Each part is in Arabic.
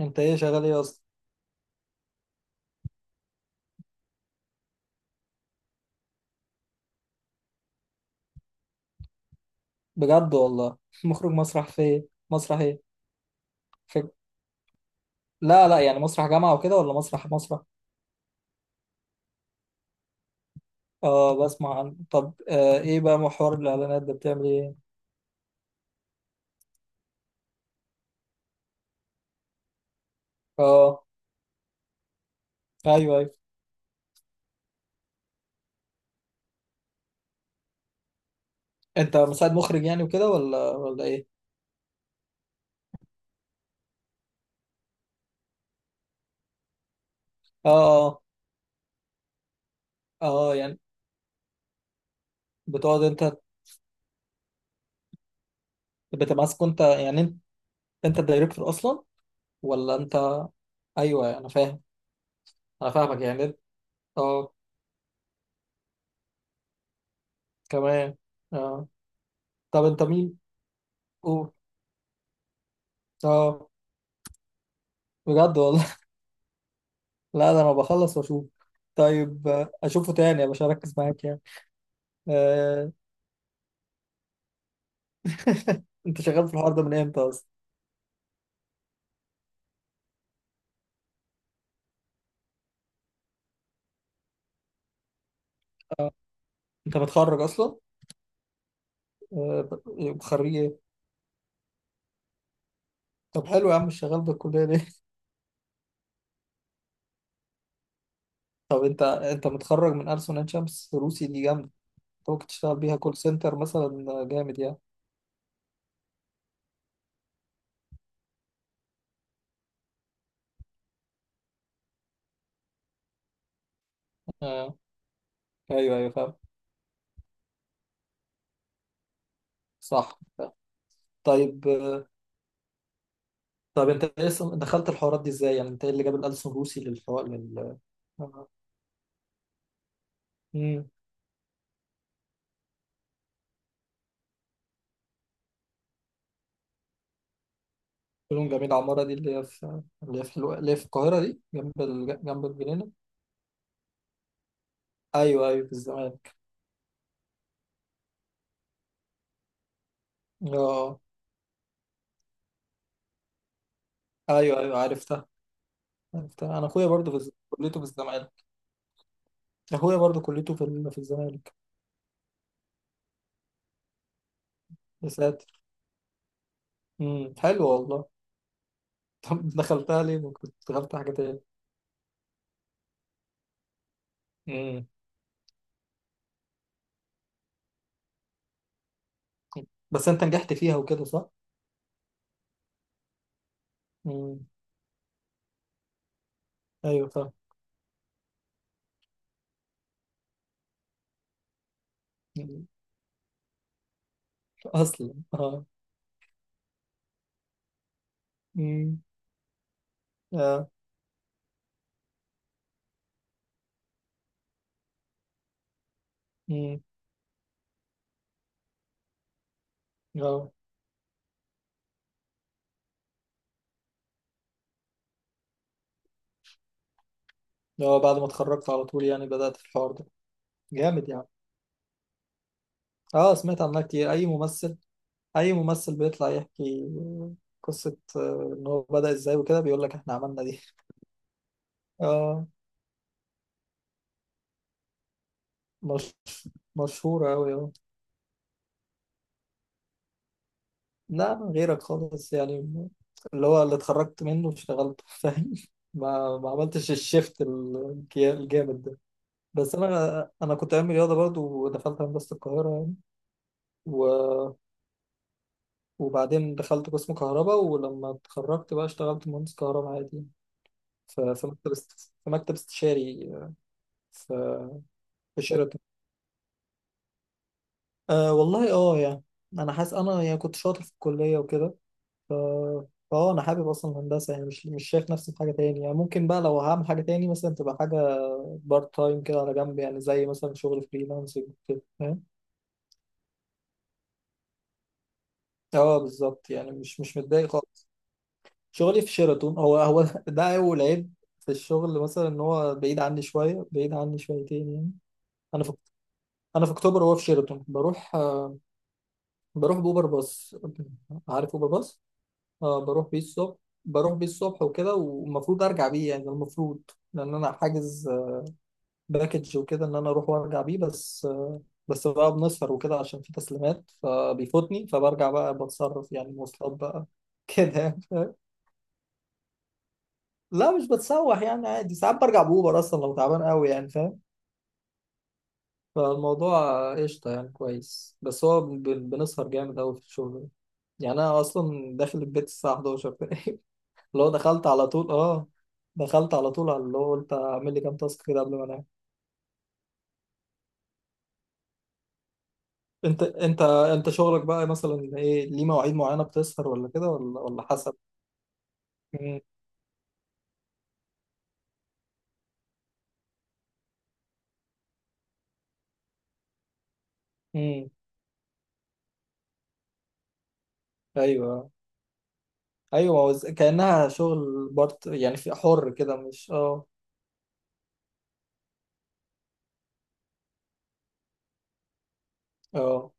انت ايه شغال ايه اصلا؟ بجد والله. مخرج مسرح، في ايه مسرح ايه؟ في... لا لا، يعني مسرح جامعة وكده ولا مسرح مسرح؟ اه، بسمع عن طب. ايه بقى محور الاعلانات ده، بتعمل ايه؟ اه، ايوه ايوه. انت مساعد مخرج يعني وكده ولا ايه؟ اه اه. اه اه، يعني. بتقعد انت. بتمسك انت يعني انت. انت الدايركتور اصلا؟ ولا انت. ايوه انا فاهم. انا فاهمك يعني. اه كمان اه. طب انت مين؟ اوه. اه. بجد والله. لا، ده انا بخلص واشوف. طيب، اشوفه تاني، مش هركز معاك يعني. آه، انت شغال في الحوار ده من امتى اصلا؟ انت متخرج اصلا؟ آه، خريج ايه؟ طب حلو يا عم، مش شغال بالكليه ليه؟ طب انت متخرج من ألسن عين شمس، روسي دي جامده. انت ممكن تشتغل بيها كول سنتر مثلا، جامد يعني. آه. ايوه ايوه فاهم. صح. طيب، طب انت ايه اصلا دخلت الحوارات دي ازاي؟ يعني انت ايه اللي جاب الألسن روسي للحوار لل... آه. مم. شؤون جميل عمارة دي اللي هي في، اللي هي في القاهرة دي، جنب جنب الجنينة. أيوه أيوه، في الزمالك. اه. أيوه أيوه عرفتها. عرفتها. أنا أخويا برضه في كليته في الزمالك. أخويا برضه كليته في الزمالك. يا ساتر. حلو والله. طب دخلتها ليه؟ ما كنت دخلت حاجة تاني. امم. بس أنت نجحت فيها وكده صح؟ امم. أيوه فاهم. مم. أصلا اه. امم. اه. امم. اه. بعد ما اتخرجت على طول يعني بدأت في الحوار ده؟ جامد يعني. اه، سمعت عنها كتير. اي ممثل. اي ممثل بيطلع يحكي قصة، ان هو بدأ ازاي وكده، بيقول لك احنا عملنا دي. اه. مش مشهورة اوي، اه. لا غيرك خالص يعني. اللي هو اللي اتخرجت منه اشتغلت. فاهم. ما عملتش الشيفت الجامد ده. بس انا كنت عامل رياضة برضو، ودخلت هندسة القاهرة يعني. و... وبعدين دخلت قسم كهرباء، ولما اتخرجت بقى اشتغلت مهندس كهرباء عادي في مكتب في مكتب استشاري، في، في شركة. أه والله، اه يعني انا حاسس انا يعني كنت شاطر في الكليه وكده. ف انا حابب اصلا الهندسه يعني، مش شايف نفسي في حاجه تاني يعني. ممكن بقى لو هعمل حاجه تاني مثلا تبقى حاجه بارت تايم كده على جنب، يعني زي مثلا شغل فريلانسنج كده، فاهم. اه بالظبط، يعني مش متضايق خالص. شغلي في شيراتون هو هو. ده اول عيب في الشغل، مثلا ان هو بعيد عني شويه، بعيد عني شويتين يعني. انا في انا في اكتوبر وهو في شيراتون، بروح بروح باوبر باص. عارف اوبر باص؟ اه، بروح بيه الصبح. بروح بيه الصبح وكده، والمفروض ارجع بيه، يعني المفروض، لان انا حاجز باكج وكده ان انا اروح وارجع بيه. بس بقى بنسهر وكده عشان في تسليمات فبيفوتني، فبرجع بقى بتصرف يعني، مواصلات بقى. كده يعني فاهم؟ لا مش بتسوح يعني، عادي ساعات برجع بأوبر اصلا لو تعبان قوي، يعني فاهم. فالموضوع قشطه يعني كويس. بس هو بنسهر جامد قوي في الشغل ده. يعني انا اصلا داخل البيت الساعه 11. اللي هو دخلت على طول، اه، دخلت على طول، على اللي هو قلت اعمل لي كام تاسك كده قبل ما انام. انت شغلك بقى مثلا ايه؟ ليه مواعيد معينه، بتسهر ولا كده، ولا حسب؟ امم. امم. ايوه ايوه، ما هو كانها شغل بارت يعني، في حر كده مش، اه. اه،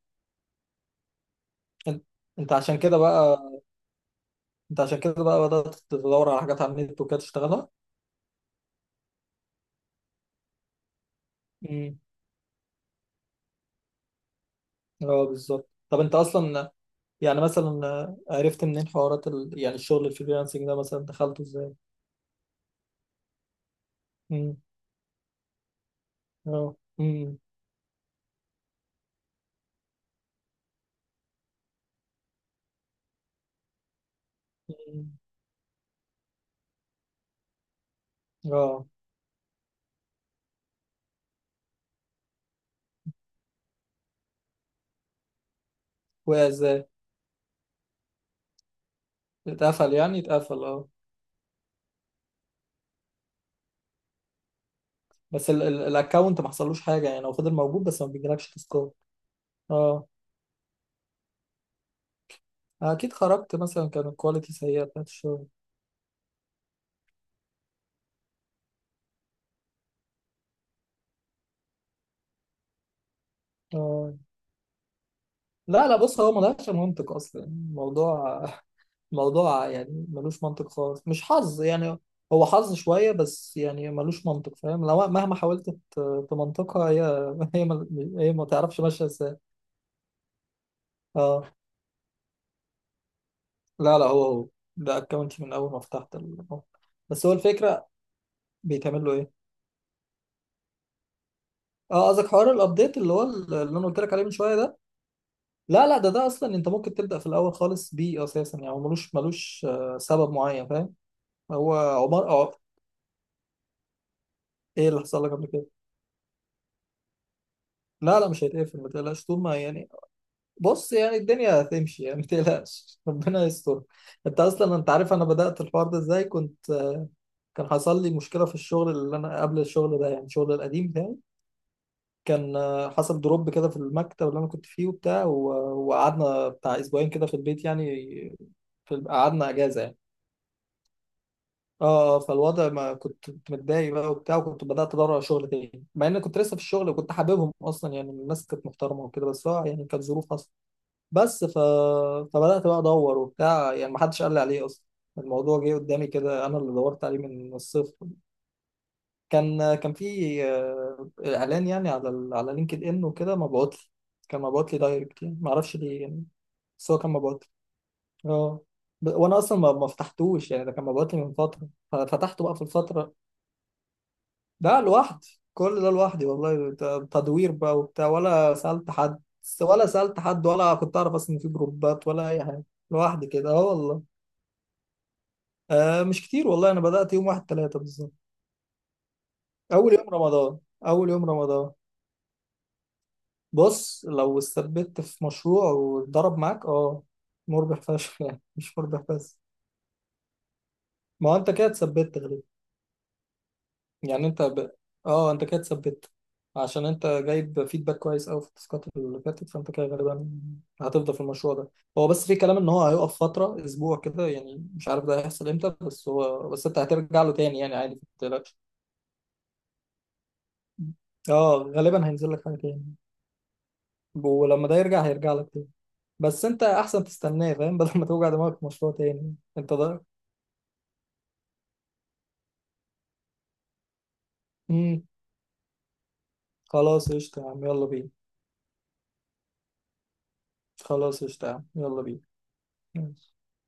انت انت عشان كده بقى. انت عشان كده بقى بدات تدور على حاجات على النت وكده تشتغلها. امم. اه بالظبط. طب انت اصلا، يعني مثلا عرفت منين حوارات يعني الشغل الفريلانسنج ده، مثلا دخلته ازاي؟ اه، امم. أمم. اه. وقع ازاي؟ اتقفل يعني اتقفل، اه. بس الاكونت ما حصلوش حاجه يعني، هو فضل موجود بس ما بيجيلكش تسكور. اه اكيد خرجت، مثلا كان الكواليتي سيئه بتاعت الشغل. اه لا لا، بص هو ملهاش منطق اصلا الموضوع. موضوع يعني ملوش منطق خالص، مش حظ يعني. هو حظ شويه بس، يعني ملوش منطق، فاهم. لو مهما حاولت تمنطقها هي. هي هي ما تعرفش ماشيه ازاي. اه لا لا، هو هو. ده اكونت من اول ما فتحت أه. بس هو الفكره، بيتعمل له ايه؟ اه قصدك حوار الابديت اللي هو اللي انا قلت لك عليه من شويه ده؟ لا لا، ده اصلا انت ممكن تبدا في الاول خالص بيه اساسا، يعني هو ملوش سبب معين، فاهم. هو عمر، اه. ايه اللي حصل لك قبل كده؟ لا لا، مش هيتقفل، ما تقلقش طول ما يعني. بص يعني الدنيا هتمشي، يعني ما تقلقش. ربنا يستر. انت اصلا انت عارف انا بدات الحوار ده ازاي؟ كنت، كان حصل لي مشكله في الشغل اللي انا قبل الشغل ده، يعني الشغل القديم بتاعي. كان حصل دروب كده في المكتب اللي انا كنت فيه وبتاع، وقعدنا بتاع اسبوعين كده في البيت يعني، في قعدنا اجازه يعني. اه. فالوضع، ما كنت متضايق بقى وبتاع، وكنت بدات ادور على شغل تاني، مع ان كنت لسه في الشغل وكنت حاببهم اصلا، يعني الناس كانت محترمه وكده، بس هو يعني كانت ظروف اصلا. بس ف... فبدات بقى ادور وبتاع، يعني ما حدش قال لي عليه اصلا. الموضوع جه قدامي كده، انا اللي دورت عليه من الصفر. كان في اعلان يعني على على لينكد ان وكده، مبعوت لي. كان مبعوت لي دايركت يعني، ما اعرفش ليه يعني. بس هو كان مبعوت لي. اه، وانا اصلا ما فتحتوش يعني، ده كان مبعوت لي من فتره ففتحته بقى في الفتره. ده لوحدي، كل ده لوحدي والله، تدوير بقى وبتاع، ولا سالت حد، ولا سالت حد، ولا كنت اعرف اصلا إن في جروبات ولا اي حاجه. لوحدي كده، اه والله. مش كتير والله، انا بدات يوم واحد ثلاثة بالظبط. اول يوم رمضان. اول يوم رمضان. بص لو استثبت في مشروع وضرب معاك، اه، مربح فشخ يعني، مش مربح بس. ما هو انت كده اتثبت غالبا. يعني انت ب... اه انت كده اتثبت، عشان انت جايب فيدباك كويس قوي في التاسكات اللي فاتت، فانت كده غالبا هتفضل في المشروع ده. هو بس في كلام ان هو هيقف فترة اسبوع كده يعني، مش عارف ده هيحصل امتى، بس هو، بس انت هترجع له تاني يعني عادي، ما تقلقش. اه غالبا هينزل لك حاجة تاني، ولما ده يرجع هيرجع لك تاني. بس انت احسن تستناه، فاهم. بدل ما توجع دماغك في مشروع تاني انت ده. امم خلاص قشطة يا عم، يلا بينا. خلاص قشطة يا عم، يلا بينا.